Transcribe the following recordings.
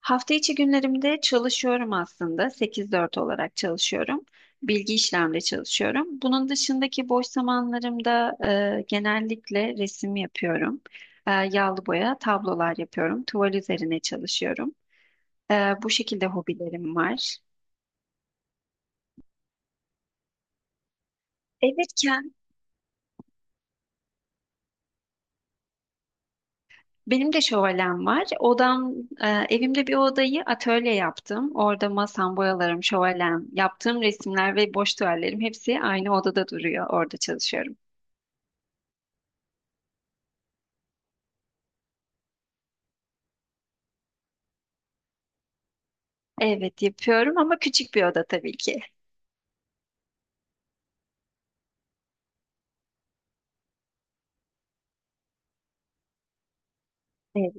Hafta içi günlerimde çalışıyorum aslında. 8-4 olarak çalışıyorum. Bilgi işlemde çalışıyorum. Bunun dışındaki boş zamanlarımda genellikle resim yapıyorum. Yağlı boya tablolar yapıyorum. Tuval üzerine çalışıyorum. E, Bu şekilde hobilerim var. Evetken benim de şövalem var. E, Evimde bir odayı atölye yaptım. Orada masam, boyalarım, şövalem, yaptığım resimler ve boş tuvallerim hepsi aynı odada duruyor. Orada çalışıyorum. Evet yapıyorum ama küçük bir oda tabii ki. Evet.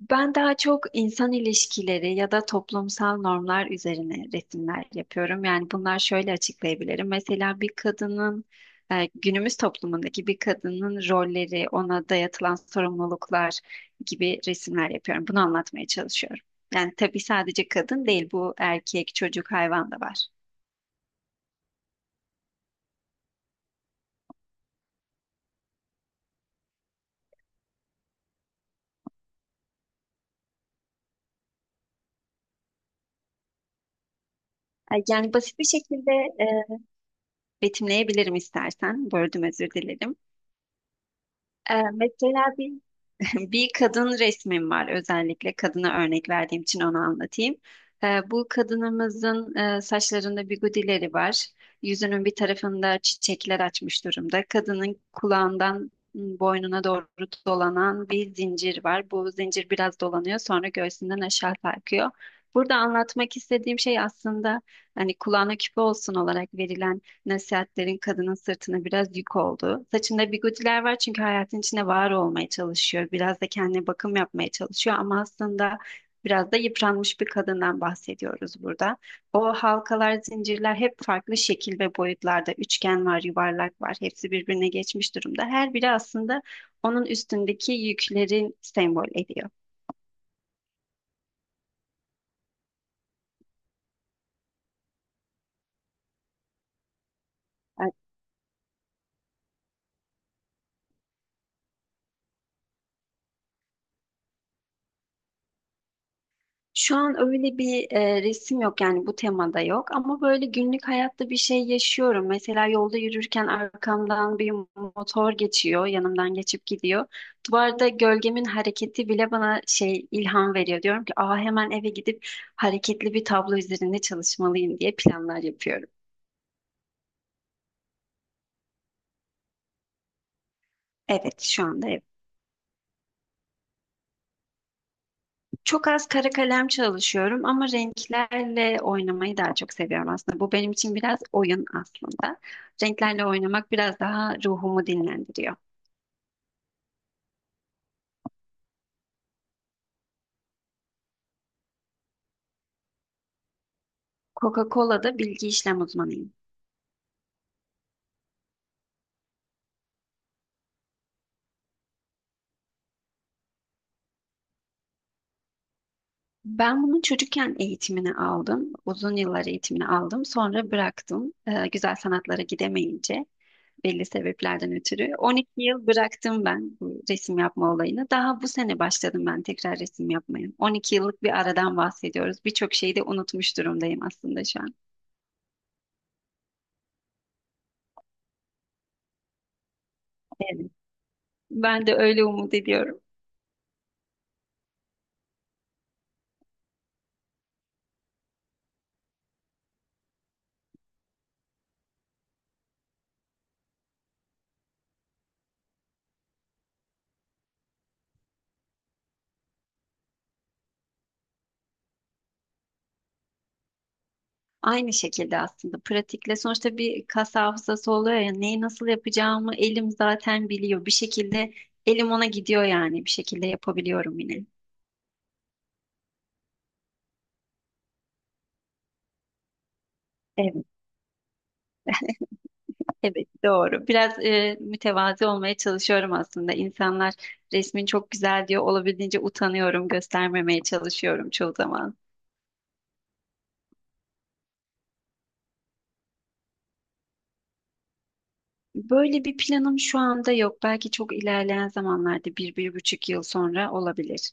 Ben daha çok insan ilişkileri ya da toplumsal normlar üzerine resimler yapıyorum. Yani bunlar şöyle açıklayabilirim. Mesela bir günümüz toplumundaki bir kadının rolleri, ona dayatılan sorumluluklar gibi resimler yapıyorum. Bunu anlatmaya çalışıyorum. Yani tabii sadece kadın değil, bu erkek, çocuk, hayvan da var. Yani basit bir şekilde e, betimleyebilirim istersen. Böldüm özür dilerim. Mesela bir bir kadın resmim var, özellikle kadına örnek verdiğim için onu anlatayım. Bu kadınımızın saçlarında bigudileri var. Yüzünün bir tarafında çiçekler açmış durumda. Kadının kulağından boynuna doğru dolanan bir zincir var. Bu zincir biraz dolanıyor, sonra göğsünden aşağı sarkıyor. Burada anlatmak istediğim şey aslında hani kulağına küpe olsun olarak verilen nasihatlerin kadının sırtına biraz yük oldu. Saçında bigudiler var çünkü hayatın içine var olmaya çalışıyor. Biraz da kendine bakım yapmaya çalışıyor ama aslında biraz da yıpranmış bir kadından bahsediyoruz burada. O halkalar, zincirler hep farklı şekil ve boyutlarda. Üçgen var, yuvarlak var. Hepsi birbirine geçmiş durumda. Her biri aslında onun üstündeki yüklerin sembol ediyor. Şu an öyle bir resim yok, yani bu temada yok ama böyle günlük hayatta bir şey yaşıyorum. Mesela yolda yürürken arkamdan bir motor geçiyor, yanımdan geçip gidiyor. Duvarda gölgemin hareketi bile bana şey ilham veriyor. Diyorum ki, "Aa, hemen eve gidip hareketli bir tablo üzerinde çalışmalıyım." diye planlar yapıyorum. Evet, şu anda evet. Çok az kara kalem çalışıyorum ama renklerle oynamayı daha çok seviyorum aslında. Bu benim için biraz oyun aslında. Renklerle oynamak biraz daha ruhumu dinlendiriyor. Coca-Cola'da bilgi işlem uzmanıyım. Ben bunun çocukken eğitimini aldım. Uzun yıllar eğitimini aldım. Sonra bıraktım. Güzel sanatlara gidemeyince, belli sebeplerden ötürü. 12 yıl bıraktım ben bu resim yapma olayını. Daha bu sene başladım ben tekrar resim yapmaya. 12 yıllık bir aradan bahsediyoruz. Birçok şeyi de unutmuş durumdayım aslında şu an. Evet. Ben de öyle umut ediyorum. Aynı şekilde aslında pratikle sonuçta bir kas hafızası oluyor ya, neyi nasıl yapacağımı elim zaten biliyor. Bir şekilde elim ona gidiyor, yani bir şekilde yapabiliyorum yine. Evet, doğru. Biraz mütevazi olmaya çalışıyorum aslında. İnsanlar resmin çok güzel diyor. Olabildiğince utanıyorum, göstermemeye çalışıyorum çoğu zaman. Böyle bir planım şu anda yok. Belki çok ilerleyen zamanlarda bir, bir buçuk yıl sonra olabilir.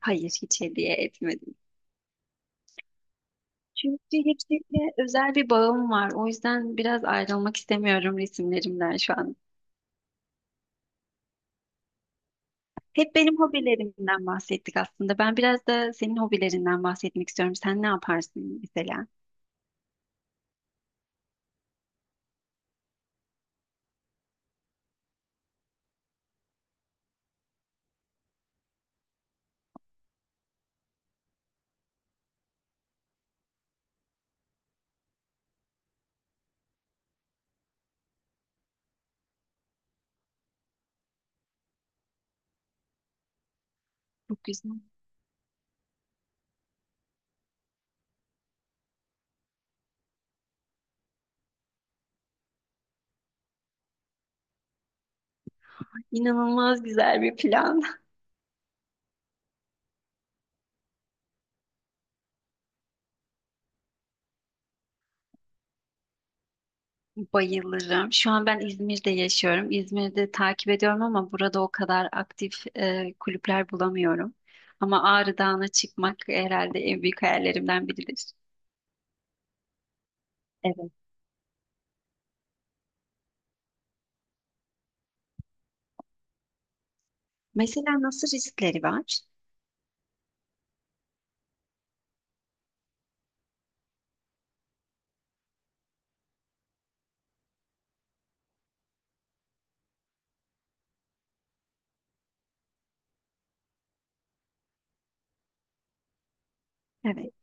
Hayır, hiç hediye etmedim. Çünkü hepsiyle özel bir bağım var. O yüzden biraz ayrılmak istemiyorum resimlerimden şu an. Hep benim hobilerimden bahsettik aslında. Ben biraz da senin hobilerinden bahsetmek istiyorum. Sen ne yaparsın mesela? Çok güzel. İnanılmaz güzel bir plan. Bayılırım. Şu an ben İzmir'de yaşıyorum. İzmir'de takip ediyorum ama burada o kadar aktif kulüpler bulamıyorum. Ama Ağrı Dağı'na çıkmak herhalde en büyük hayallerimden biridir. Evet. Mesela nasıl riskleri var? Evet.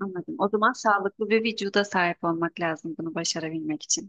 Anladım. O zaman sağlıklı bir vücuda sahip olmak lazım bunu başarabilmek için.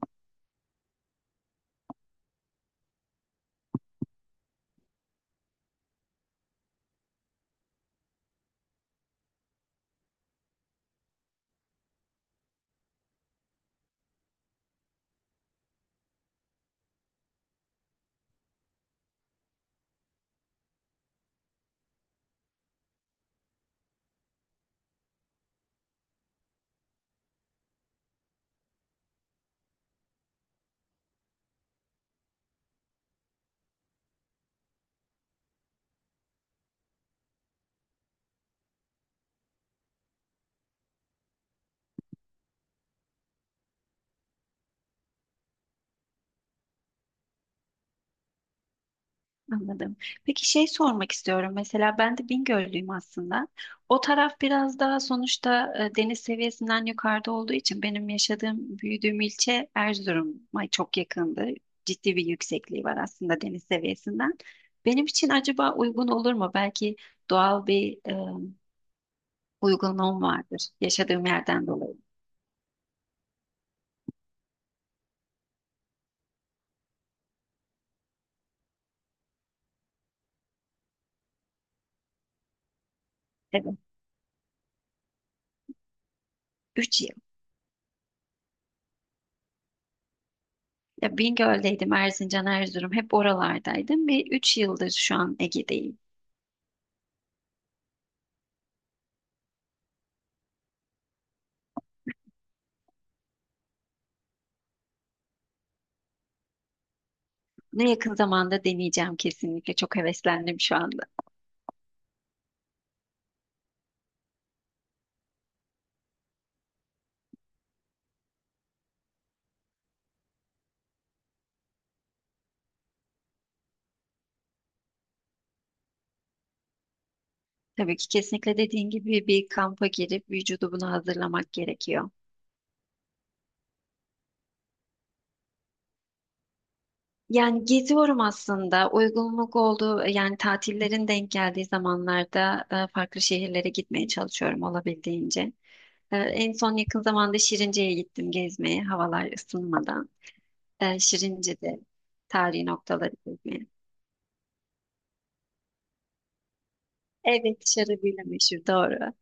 Anladım. Peki şey sormak istiyorum. Mesela ben de Bingöllüyüm aslında. O taraf biraz daha sonuçta deniz seviyesinden yukarıda olduğu için benim yaşadığım, büyüdüğüm ilçe Erzurum'a çok yakındı. Ciddi bir yüksekliği var aslında deniz seviyesinden. Benim için acaba uygun olur mu? Belki doğal bir uygunluğum vardır yaşadığım yerden dolayı. Evet. Üç yıl. Ya Bingöl'deydim, Erzincan, Erzurum hep oralardaydım ve üç yıldır şu an Ege'deyim. Bunu yakın zamanda deneyeceğim kesinlikle. Çok heveslendim şu anda. Tabii ki kesinlikle dediğin gibi bir kampa girip vücudu buna hazırlamak gerekiyor. Yani geziyorum aslında. Uygunluk olduğu, yani tatillerin denk geldiği zamanlarda farklı şehirlere gitmeye çalışıyorum olabildiğince. En son yakın zamanda Şirince'ye gittim gezmeye, havalar ısınmadan. Şirince'de tarihi noktaları gezmeye. Evet, şarabıyla meşhur, doğru.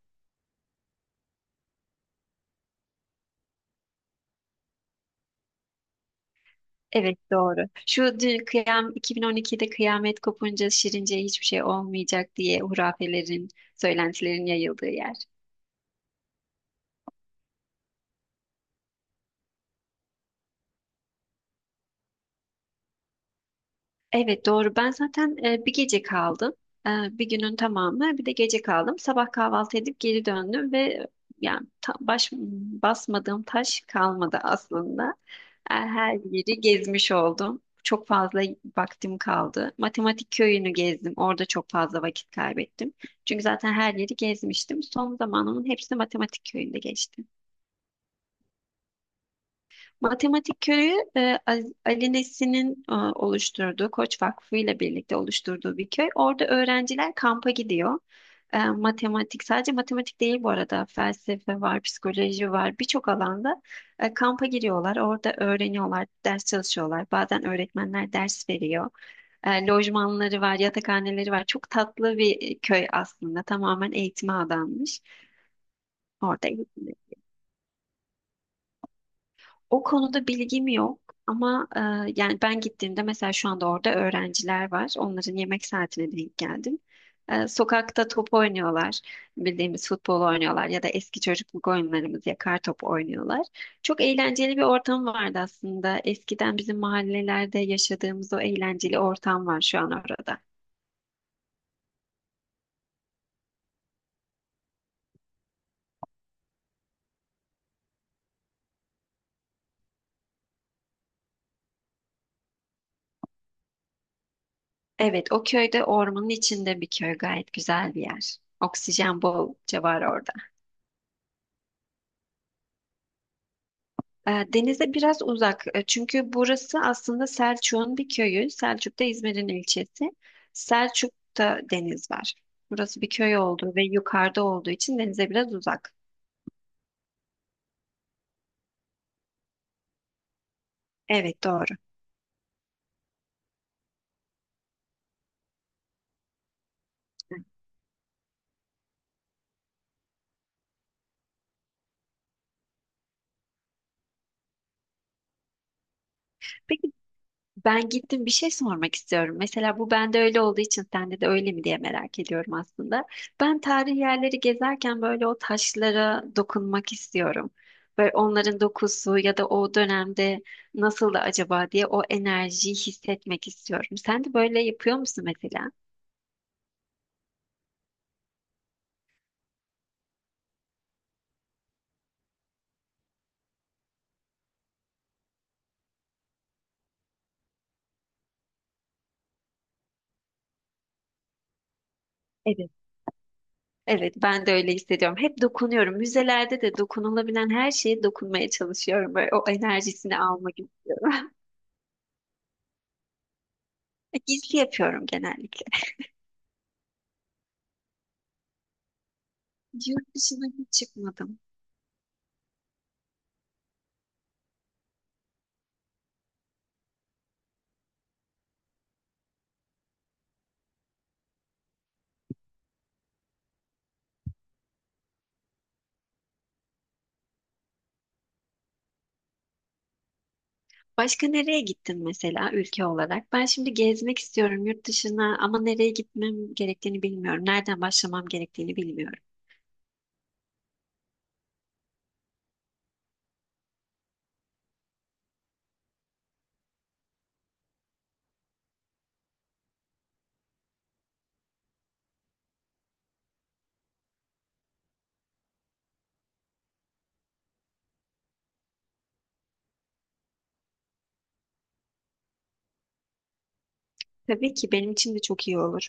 Evet doğru. Şu dün kıyam 2012'de kıyamet kopunca Şirince'ye hiçbir şey olmayacak diye hurafelerin, söylentilerin yayıldığı yer. Evet doğru. Ben zaten bir gece kaldım. E, Bir günün tamamı, bir de gece kaldım. Sabah kahvaltı edip geri döndüm ve yani baş basmadığım taş kalmadı aslında. Her yeri gezmiş oldum. Çok fazla vaktim kaldı. Matematik köyünü gezdim. Orada çok fazla vakit kaybettim. Çünkü zaten her yeri gezmiştim. Son zamanımın hepsi matematik köyünde geçti. Matematik Köyü Ali Nesin'in oluşturduğu, Koç Vakfı ile birlikte oluşturduğu bir köy. Orada öğrenciler kampa gidiyor. Matematik, sadece matematik değil bu arada, felsefe var, psikoloji var, birçok alanda kampa giriyorlar. Orada öğreniyorlar, ders çalışıyorlar. Bazen öğretmenler ders veriyor. Lojmanları var, yatakhaneleri var. Çok tatlı bir köy aslında. Tamamen eğitime adanmış. Orada O konuda bilgim yok ama yani ben gittiğimde mesela şu anda orada öğrenciler var. Onların yemek saatine denk geldim. Sokakta top oynuyorlar. Bildiğimiz futbol oynuyorlar ya da eski çocukluk oyunlarımız, yakar top oynuyorlar. Çok eğlenceli bir ortam vardı aslında. Eskiden bizim mahallelerde yaşadığımız o eğlenceli ortam var şu an orada. Evet, o köyde, ormanın içinde bir köy, gayet güzel bir yer. Oksijen bolca var orada. Denize biraz uzak. Çünkü burası aslında Selçuk'un bir köyü. Selçuk da İzmir'in ilçesi. Selçuk'ta deniz var. Burası bir köy olduğu ve yukarıda olduğu için denize biraz uzak. Evet doğru. Peki ben gittim, bir şey sormak istiyorum. Mesela bu bende öyle olduğu için sende de öyle mi diye merak ediyorum aslında. Ben tarihi yerleri gezerken böyle o taşlara dokunmak istiyorum. Böyle onların dokusu ya da o dönemde nasıl da acaba diye o enerjiyi hissetmek istiyorum. Sen de böyle yapıyor musun mesela? Evet. Evet, ben de öyle hissediyorum. Hep dokunuyorum. Müzelerde de dokunulabilen her şeye dokunmaya çalışıyorum. Böyle o enerjisini almak istiyorum. Gizli yapıyorum genellikle. Yurt dışına hiç çıkmadım. Başka nereye gittin mesela, ülke olarak? Ben şimdi gezmek istiyorum yurt dışına ama nereye gitmem gerektiğini bilmiyorum. Nereden başlamam gerektiğini bilmiyorum. Tabii ki benim için de çok iyi olur.